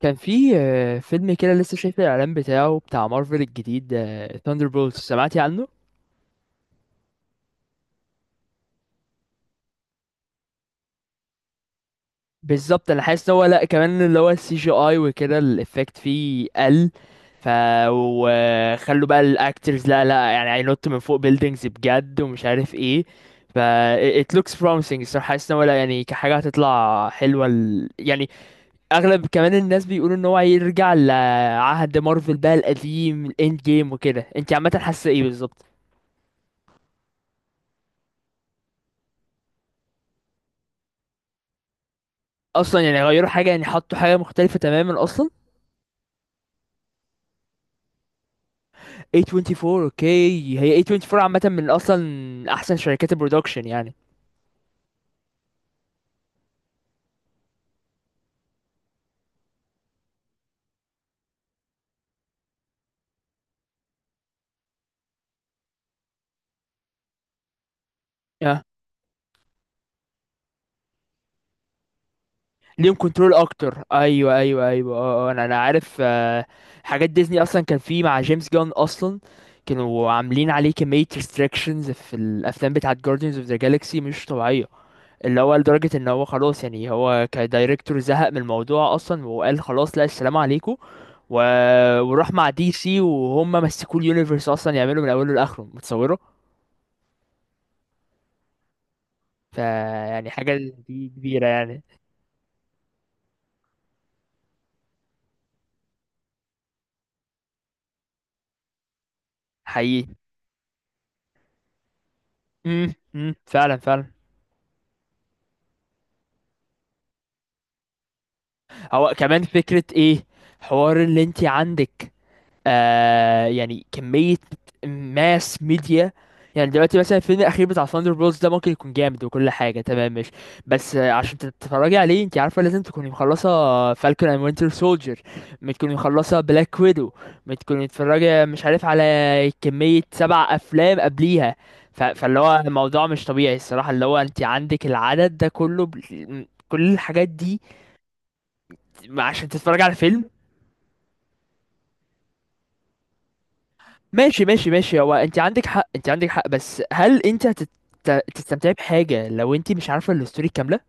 كان في فيلم كده لسه شايف الاعلان بتاعه بتاع مارفل الجديد، ثاندر بولز، سمعتي عنه؟ بالظبط، انا حاسس ان هو، لا كمان اللي هو السي جي اي وكده الافكت فيه قل. ف وخلوا بقى الاكترز، لا يعني هينط من فوق بيلدينجز بجد ومش عارف ايه. ف it looks promising. الصراحه حاسس ان هو، لا يعني كحاجه هتطلع حلوه يعني. اغلب كمان الناس بيقولوا ان هو هيرجع لعهد مارفل بقى القديم، الاند جيم وكده. انت عامه حاسه ايه بالظبط؟ اصلا يعني غيروا حاجه، يعني حطوا حاجه مختلفه تماما اصلا. A24، اوكي، هي A24 عامه من اصلا احسن شركات البرودكشن يعني. اه، ليهم كنترول اكتر، ايوه ايوه ايوه، اه، انا عارف. حاجات ديزني اصلا كان في مع جيمس جان اصلا. كانوا عاملين عليه كميه ريستريكشنز في الافلام بتاعه Guardians of the Galaxy مش طبيعيه. اللي هو لدرجة ان هو خلاص، يعني هو كدايركتور زهق من الموضوع اصلا وقال خلاص، لا، السلام عليكم. و... وراح مع دي سي، وهم مسكوا اليونيفرس اصلا يعملوا من اوله لاخره متصوره. فيعني حاجة دي كبيرة يعني. حقيقي. فعلا فعلا. هو كمان فكرة ايه حوار اللي انت عندك؟ آه، يعني كمية ماس ميديا. يعني دلوقتي مثلا الفيلم الأخير بتاع ثاندر بولز ده ممكن يكون جامد وكل حاجة تمام، مش بس عشان تتفرجي عليه انت عارفة لازم تكوني مخلصة فالكون اند وينتر سولجر، تكوني مخلصة بلاك ويدو، تكوني متفرجة مش عارف على كمية 7 أفلام قبليها. فاللي هو الموضوع مش طبيعي الصراحة، اللي هو انت عندك العدد ده كله كل الحاجات دي عشان تتفرج على فيلم. ماشي ماشي ماشي، هو انت عندك حق، انت عندك حق، بس هل انت تستمتعي بحاجة لو انت مش عارفة الستوري كاملة؟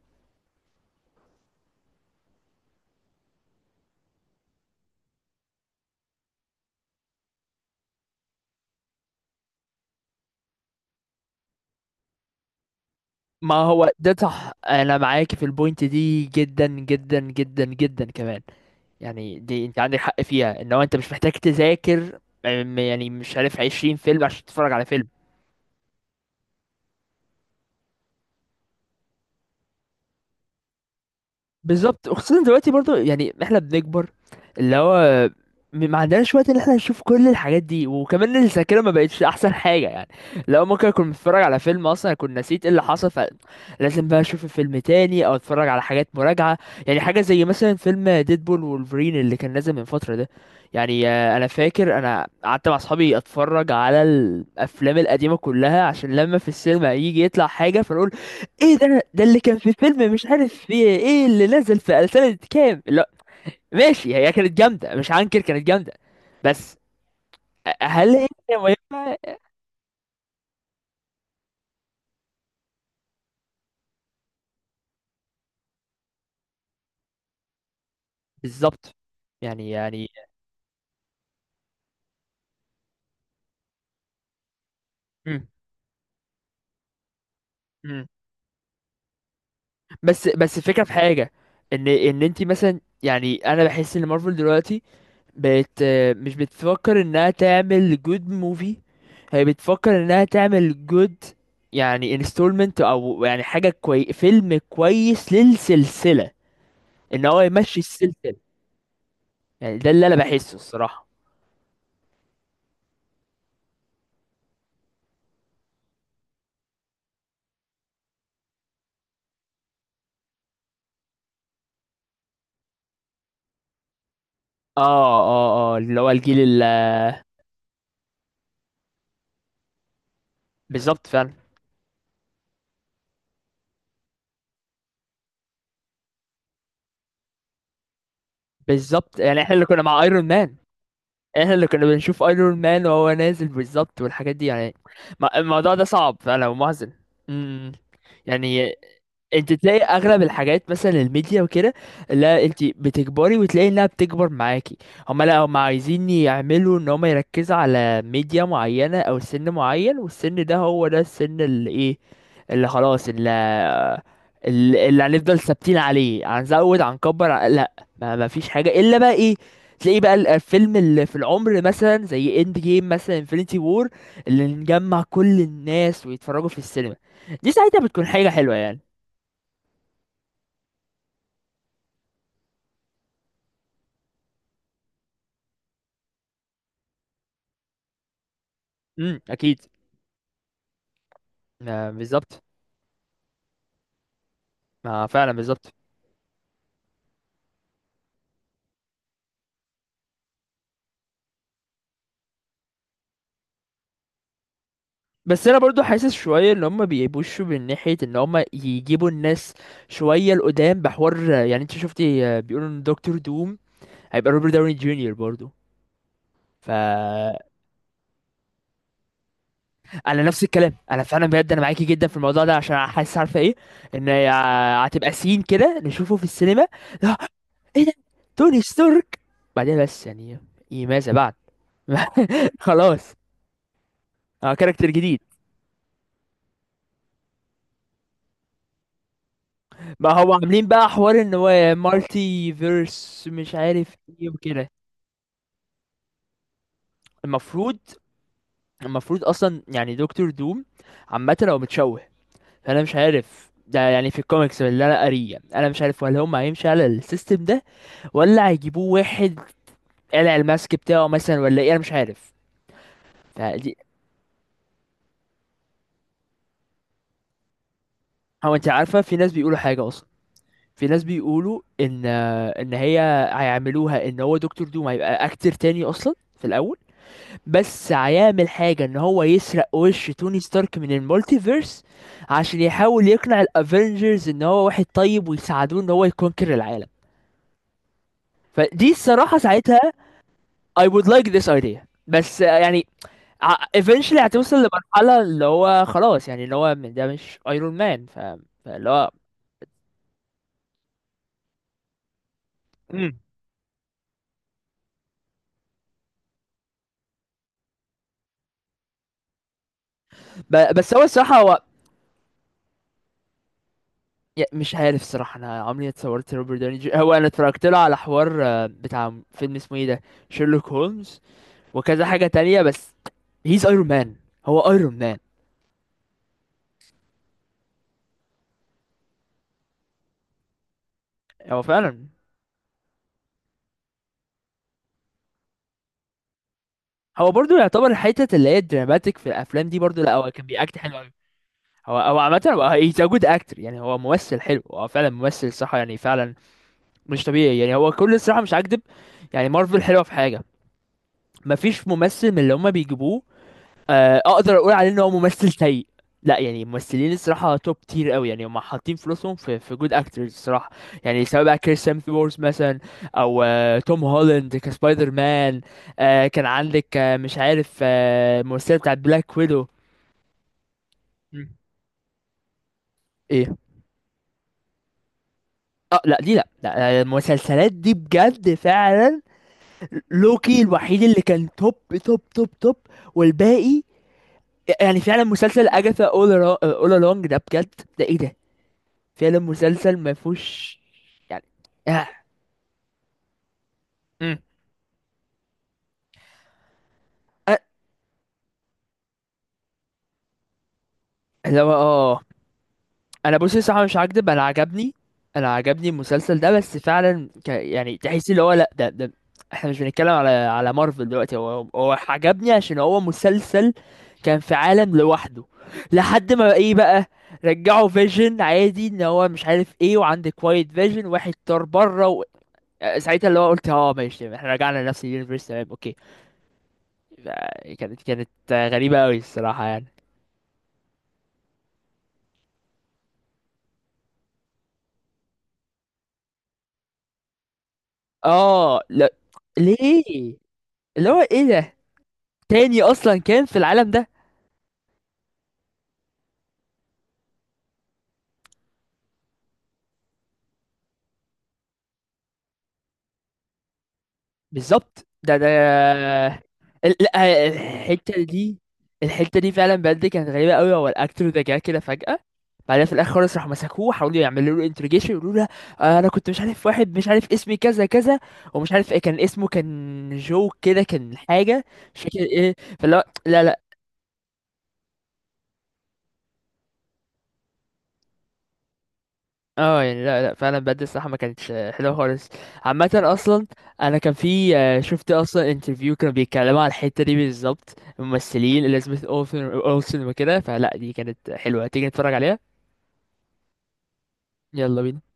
ما هو ده صح، انا معاك في البوينت دي جدا جدا جدا جدا كمان. يعني دي انت عندك حق فيها، ان هو انت مش محتاج تذاكر يعني مش عارف 20 فيلم عشان تتفرج على فيلم. بالظبط، وخصوصا دلوقتي برضو يعني احنا بنكبر، اللي هو ما عندناش وقت ان احنا نشوف كل الحاجات دي، وكمان الذاكره ما بقتش احسن حاجه يعني. لو ممكن اكون بتفرج على فيلم اصلا اكون نسيت ايه اللي حصل، فلازم بقى اشوف الفيلم تاني او اتفرج على حاجات مراجعه. يعني حاجه زي مثلا فيلم ديدبول وولفرين اللي كان نازل من فتره ده، يعني انا فاكر انا قعدت مع اصحابي اتفرج على الافلام القديمه كلها عشان لما في السينما يجي يطلع حاجه فنقول، ايه ده اللي كان في فيلم مش عارف، في ايه اللي نزل في سنة كام؟ لا ماشي، هي كانت جامدة مش هنكر، كانت جامدة. بس هل هي مهمة؟ بالظبط. يعني مم. مم. بس الفكرة في حاجة، ان انت مثلا، يعني انا بحس ان مارفل دلوقتي بقت مش بتفكر انها تعمل جود موفي، هي بتفكر انها تعمل جود، يعني انستولمنت، او يعني حاجة كوي، فيلم كويس للسلسلة، ان هو يمشي السلسله. يعني ده اللي انا بحسه الصراحه. اه اللي هو الجيل بالظبط فعلا. بالظبط، يعني احنا اللي كنا مع ايرون مان، احنا اللي كنا بنشوف ايرون مان وهو نازل بالظبط والحاجات دي يعني. الموضوع ده صعب فعلا ومحزن. امم يعني انت تلاقي اغلب الحاجات مثلا الميديا وكده، لا انت بتكبري وتلاقي انها بتكبر معاكي. هما لا، هما عايزين يعملوا ان هما يركزوا على ميديا معينة او سن معين، والسن ده هو ده السن اللي ايه، اللي خلاص، اللي اللي هنفضل ثابتين عليه. هنزود، هنكبر، لا، ما فيش حاجه الا بقى ايه، تلاقيه بقى الفيلم اللي في العمر، مثلا زي اند جيم مثلا، انفينيتي وور، اللي نجمع كل الناس ويتفرجوا في السينما، دي ساعتها بتكون حاجه حلوه يعني. اكيد. ما بالظبط. ما فعلا، بالظبط. بس انا برضو حاسس شويه ان هم بيبوشوا من ناحيه ان هم يجيبوا الناس شويه لقدام بحوار. يعني انت شفتي بيقولوا ان دكتور دوم هيبقى روبرت داوني جونيور برضو. ف انا نفس الكلام، انا فعلا بجد انا معاكي جدا في الموضوع ده، عشان حاسس، عارفه ايه، ان هتبقى سين كده نشوفه في السينما، لا، ايه ده، توني ستارك؟ بعدين بس يعني، ايه ماذا بعد؟ خلاص، اه، كاركتر جديد. ما هو عاملين بقى حوار ان هو مالتي فيرس مش عارف ايه وكده. المفروض المفروض اصلا يعني دكتور دوم عامه هو متشوه، فانا مش عارف ده يعني، في الكوميكس اللي انا قاريه انا مش عارف ولا هم هيمشي على السيستم ده، ولا هيجيبوه واحد قلع الماسك بتاعه مثلا، ولا ايه انا مش عارف. فدي. هو انت عارفه في ناس بيقولوا حاجه اصلا، في ناس بيقولوا ان هي هيعملوها ان هو دكتور دوم هيبقى اكتر تاني اصلا في الاول، بس هيعمل حاجه ان هو يسرق وش توني ستارك من المولتيفيرس عشان يحاول يقنع الافنجرز ان هو واحد طيب ويساعدوه ان هو يكونكر العالم. فدي الصراحه ساعتها I would like this idea. بس يعني eventually هتوصل لمرحلة اللي هو خلاص، يعني اللي هو ده مش ايرون مان. فاللي هو مم. بس هو الصراحة هو، مش عارف الصراحة، انا عمري ما اتصورت روبرت داوني هو انا اتفرجت له على حوار بتاع فيلم اسمه ايه ده، شيرلوك هولمز وكذا حاجة تانية، بس هيز ايرون مان، هو ايرون مان. هو فعلا. هو برضو يعتبر الحتة اللي هي الدراماتيك في الافلام دي برضو، لا هو كان بيأكت حلو قوي. هو عامة هو he's a good actor، يعني هو ممثل حلو، هو فعلا ممثل صح يعني فعلا. مش طبيعي يعني، هو كل الصراحه مش هكدب، يعني مارفل حلوه في حاجه، مفيش ممثل من اللي هما بيجيبوه اقدر اقول عليه ان هو ممثل سيء، لا يعني ممثلين الصراحه توب تير قوي، يعني هما حاطين فلوسهم في جود اكترز الصراحه. يعني سواء بقى كريس هيمثورث مثلا، او توم هولاند كسبايدر مان، كان عندك مش عارف الممثله بتاعت بلاك ويدو. مم. ايه؟ اه لا دي، لا المسلسلات دي بجد فعلا. لوكي الوحيد اللي كان توب، توب توب توب. والباقي يعني فعلا مسلسل اجاثا، اول along ده بجد، ده ايه ده، فعلا مسلسل ما فيهوش يعني. آه. مم. آه. اللي هو اه، انا بصي صراحه مش هكدب انا عجبني، انا عجبني المسلسل ده، بس فعلا يعني تحس اللي هو لا، ده احنا مش بنتكلم على مارفل دلوقتي. هو هو عجبني عشان هو مسلسل كان في عالم لوحده، لحد ما ايه بقى، رجعوا فيجن عادي ان هو مش عارف ايه، وعندك كوايت فيجن واحد طار بره ساعتها اللي هو قلت اه ماشي، احنا رجعنا لنفس اليونيفرس تمام اوكي. كانت غريبة قوي الصراحة يعني. اه لا. ليه؟ اللي هو ايه ده تاني اصلا كان في العالم ده؟ بالظبط، ده لا الحته دي، الحته دي فعلا بجد كانت غريبه قوي. هو الاكتور ده جه كده فجاه، بعدين في الاخر خالص راحوا مسكوه حاولوا يعملوا له انتروجيشن يقولوا له انا كنت مش عارف واحد مش عارف اسمي كذا كذا، ومش عارف ايه كان اسمه، كان جو كده، كان حاجه مش فاكر ايه، فلا لا. اه يعني لا فعلا بجد الصراحه ما كانتش حلوه خالص عامه اصلا. انا كان في شفت اصلا انترفيو كانوا بيتكلموا على الحته دي بالظبط، الممثلين اليزابيث اولسن وكده، فلا دي كانت حلوه، تيجي نتفرج عليها. يلا بينا.